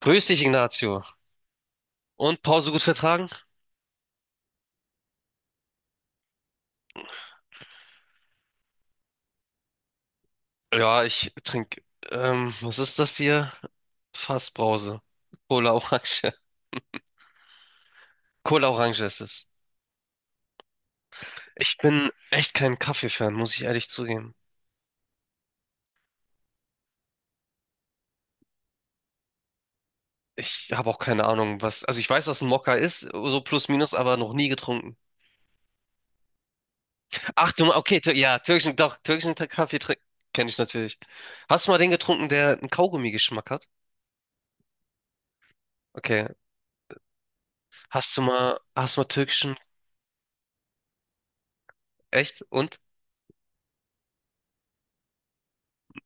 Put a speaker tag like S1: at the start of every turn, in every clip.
S1: Grüß dich, Ignacio. Und Pause gut vertragen? Ja, ich trinke, was ist das hier? Fassbrause. Cola Orange. Cola Orange ist es. Ich bin echt kein Kaffee-Fan, muss ich ehrlich zugeben. Ich habe auch keine Ahnung, was, also ich weiß, was ein Mokka ist, so plus minus, aber noch nie getrunken. Ach du, okay, tür ja, türkischen, doch, kenne ich natürlich. Hast du mal den getrunken, der einen Kaugummi-Geschmack hat? Okay. Hast du mal türkischen, echt? Und?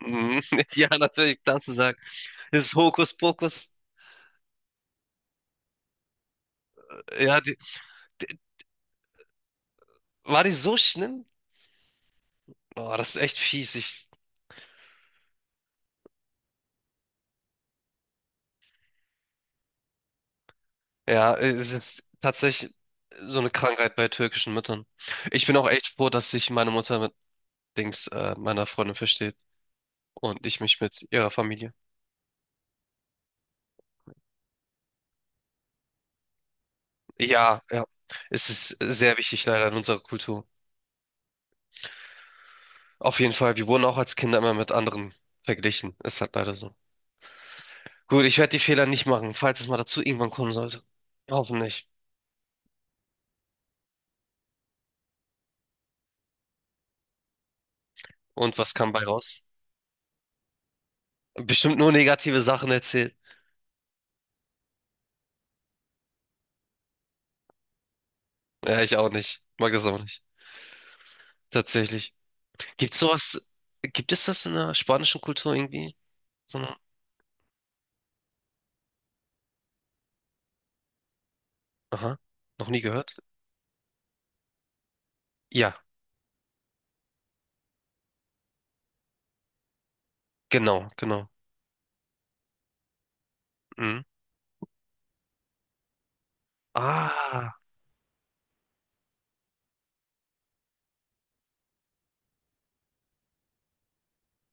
S1: Mhm. Ja, natürlich, darfst du sagen. Das Hokuspokus, ja, die, war die so schlimm? Boah, das ist echt fies. Ich, ja, es ist tatsächlich so eine Krankheit bei türkischen Müttern. Ich bin auch echt froh, dass sich meine Mutter mit Dings, meiner Freundin versteht und ich mich mit ihrer Familie. Ja, ja, es ist sehr wichtig leider in unserer Kultur. Auf jeden Fall, wir wurden auch als Kinder immer mit anderen verglichen. Ist halt leider so. Gut, ich werde die Fehler nicht machen, falls es mal dazu irgendwann kommen sollte. Hoffentlich. Und was kam bei raus? Bestimmt nur negative Sachen erzählt. Ja, ich auch nicht. Mag das auch nicht. Tatsächlich. Gibt's sowas, gibt es das in der spanischen Kultur irgendwie? So eine, aha, noch nie gehört? Ja, genau, genau. Mhm. Ah,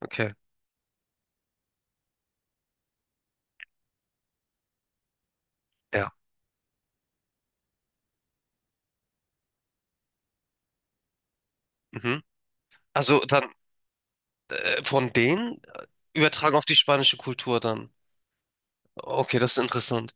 S1: okay. Ja. Mhm. Also dann von denen übertragen auf die spanische Kultur dann. Okay, das ist interessant.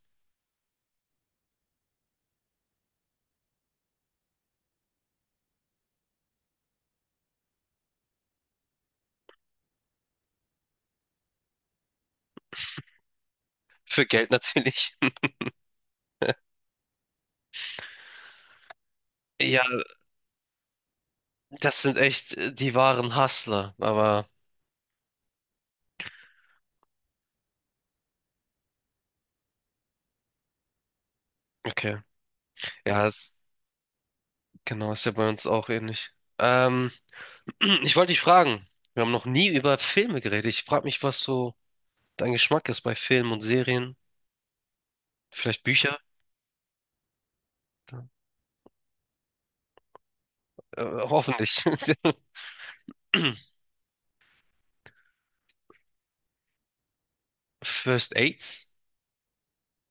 S1: Für Geld natürlich. Ja, das sind echt die wahren Hustler, aber okay. Ja, es, genau, ist ja bei uns auch ähnlich. Ähm, ich wollte dich fragen, wir haben noch nie über Filme geredet. Ich frage mich, was so dein Geschmack ist bei Filmen und Serien, vielleicht Bücher, äh, hoffentlich. First Dates?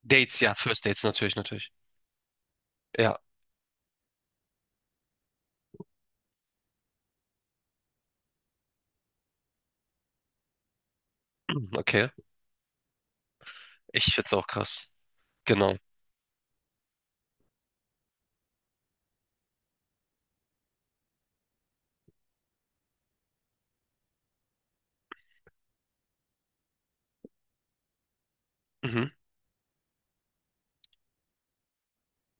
S1: Dates, ja, First Dates natürlich, natürlich. Ja, okay. Ich find's auch krass. Genau. Mhm.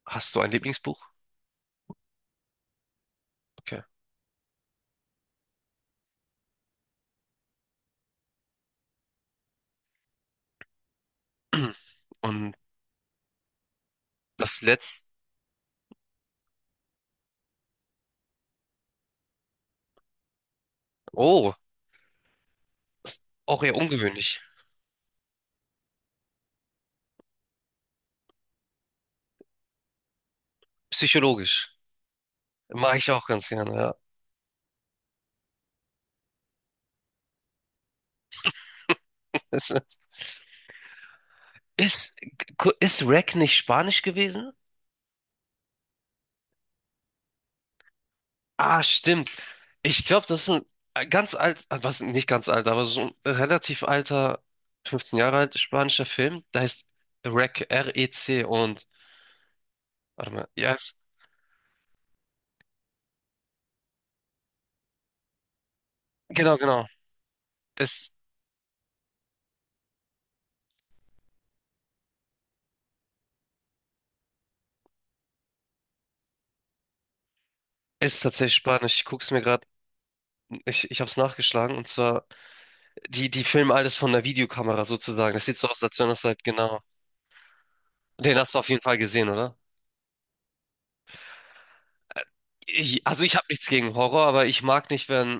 S1: Hast du ein Lieblingsbuch? Okay. Und das letzte, oh, ist auch eher ungewöhnlich. Psychologisch. Mache ich auch ganz gerne, ja. Ist, ist Rack nicht Spanisch gewesen? Ah, stimmt. Ich glaube, das ist ein was nicht ganz alt, aber so ein relativ alter, 15 Jahre alt spanischer Film. Der heißt REC, REC und warte mal, ja, es, genau, genau. Es ist tatsächlich Spanisch. Ich guck's mir gerade, ich habe es nachgeschlagen, und zwar die filmen alles von der Videokamera sozusagen. Das sieht so aus, als wenn das halt genau. Den hast du auf jeden Fall gesehen, oder? Ich, also ich habe nichts gegen Horror, aber ich mag nicht, wenn,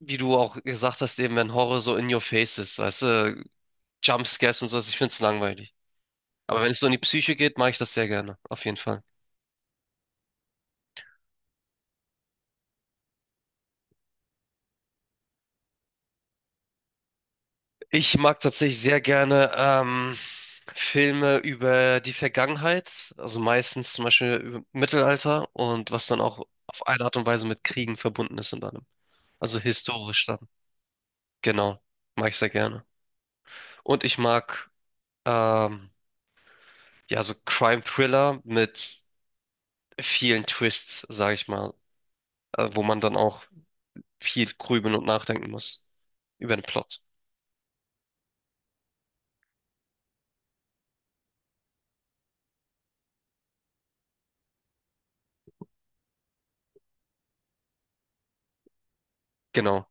S1: wie du auch gesagt hast, eben wenn Horror so in your face ist, weißt du, Jumpscares und sowas. Ich find's langweilig. Aber wenn es so in die Psyche geht, mache ich das sehr gerne, auf jeden Fall. Ich mag tatsächlich sehr gerne Filme über die Vergangenheit, also meistens zum Beispiel über Mittelalter und was dann auch auf eine Art und Weise mit Kriegen verbunden ist in einem. Also historisch dann. Genau, mag ich sehr gerne. Und ich mag ähm, ja so Crime-Thriller mit vielen Twists, sage ich mal, wo man dann auch viel grübeln und nachdenken muss über den Plot. Genau,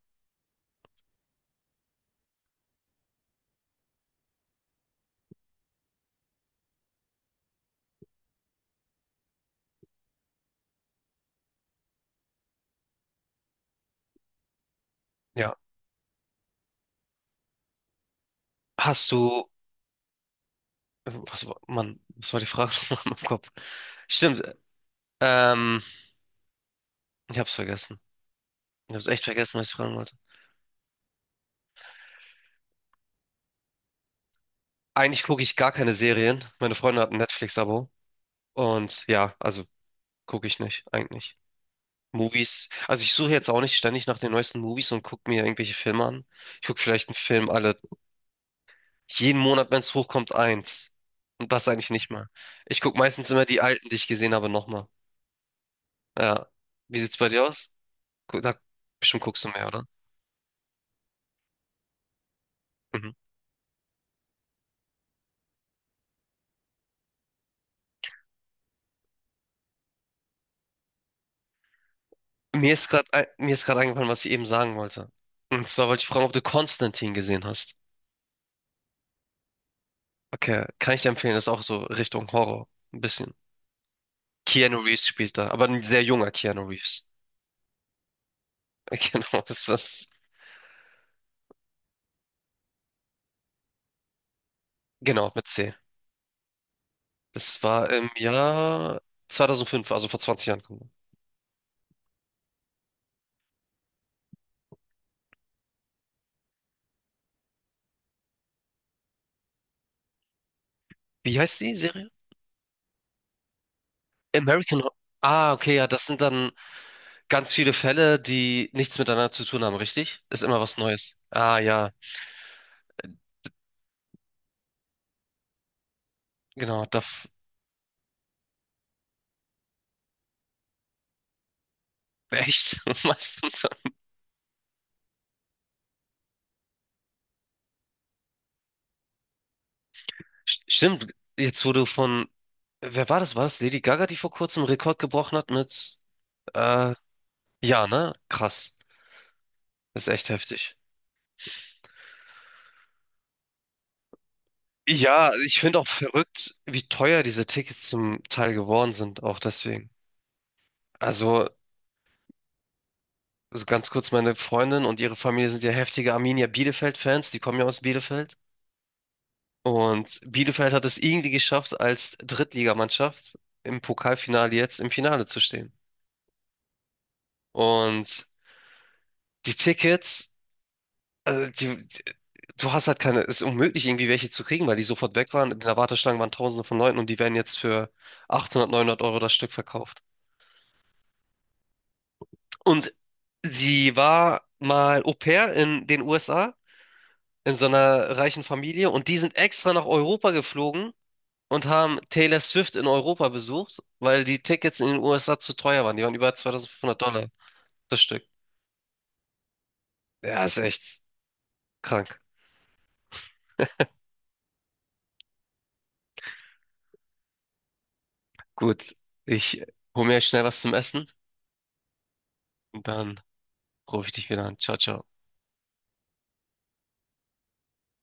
S1: ja. Hast du was war, Mann, was war die Frage nochmal in meinem Kopf? Stimmt, ähm, ich hab's vergessen. Ich hab's echt vergessen, was ich fragen wollte. Eigentlich gucke ich gar keine Serien. Meine Freundin hat ein Netflix-Abo. Und ja, also gucke ich nicht, eigentlich. Movies, also ich suche jetzt auch nicht ständig nach den neuesten Movies und gucke mir irgendwelche Filme an. Ich gucke vielleicht einen Film alle, jeden Monat, wenn es hochkommt, eins. Und das eigentlich nicht mal. Ich gucke meistens immer die alten, die ich gesehen habe, nochmal. Ja. Wie sieht's bei dir aus? Gu- Da, bestimmt guckst du mehr, oder? Mhm. Mir ist gerade eingefallen, was ich eben sagen wollte. Und zwar wollte ich fragen, ob du Konstantin gesehen hast. Okay, kann ich dir empfehlen, das ist auch so Richtung Horror. Ein bisschen. Keanu Reeves spielt da, aber ein sehr junger Keanu Reeves. Genau, das was. Genau, mit C. Das war im Jahr 2005, also vor 20 Jahren. Wie heißt die Serie? American Horror. Ah, okay, ja, das sind dann ganz viele Fälle, die nichts miteinander zu tun haben, richtig? Ist immer was Neues. Ah, ja, genau, da. f- echt? Was? Stimmt, jetzt wurde von, wer war das? War das Lady Gaga, die vor kurzem einen Rekord gebrochen hat mit, äh, ja, ne? Krass. Das ist echt heftig. Ja, ich finde auch verrückt, wie teuer diese Tickets zum Teil geworden sind, auch deswegen. Also, also ganz kurz, meine Freundin und ihre Familie sind ja heftige Arminia Bielefeld-Fans, die kommen ja aus Bielefeld. Und Bielefeld hat es irgendwie geschafft, als Drittligamannschaft im Pokalfinale jetzt im Finale zu stehen. Und die Tickets die, du hast halt keine, es ist unmöglich, irgendwie welche zu kriegen, weil die sofort weg waren. In der Warteschlange waren Tausende von Leuten und die werden jetzt für 800, 900 € das Stück verkauft. Und sie war mal Au-pair in den USA, in so einer reichen Familie, und die sind extra nach Europa geflogen und haben Taylor Swift in Europa besucht, weil die Tickets in den USA zu teuer waren. Die waren über $2.500 das Stück. Ja, ist echt krank. Gut, ich hole mir schnell was zum Essen und dann rufe ich dich wieder an. Ciao, ciao.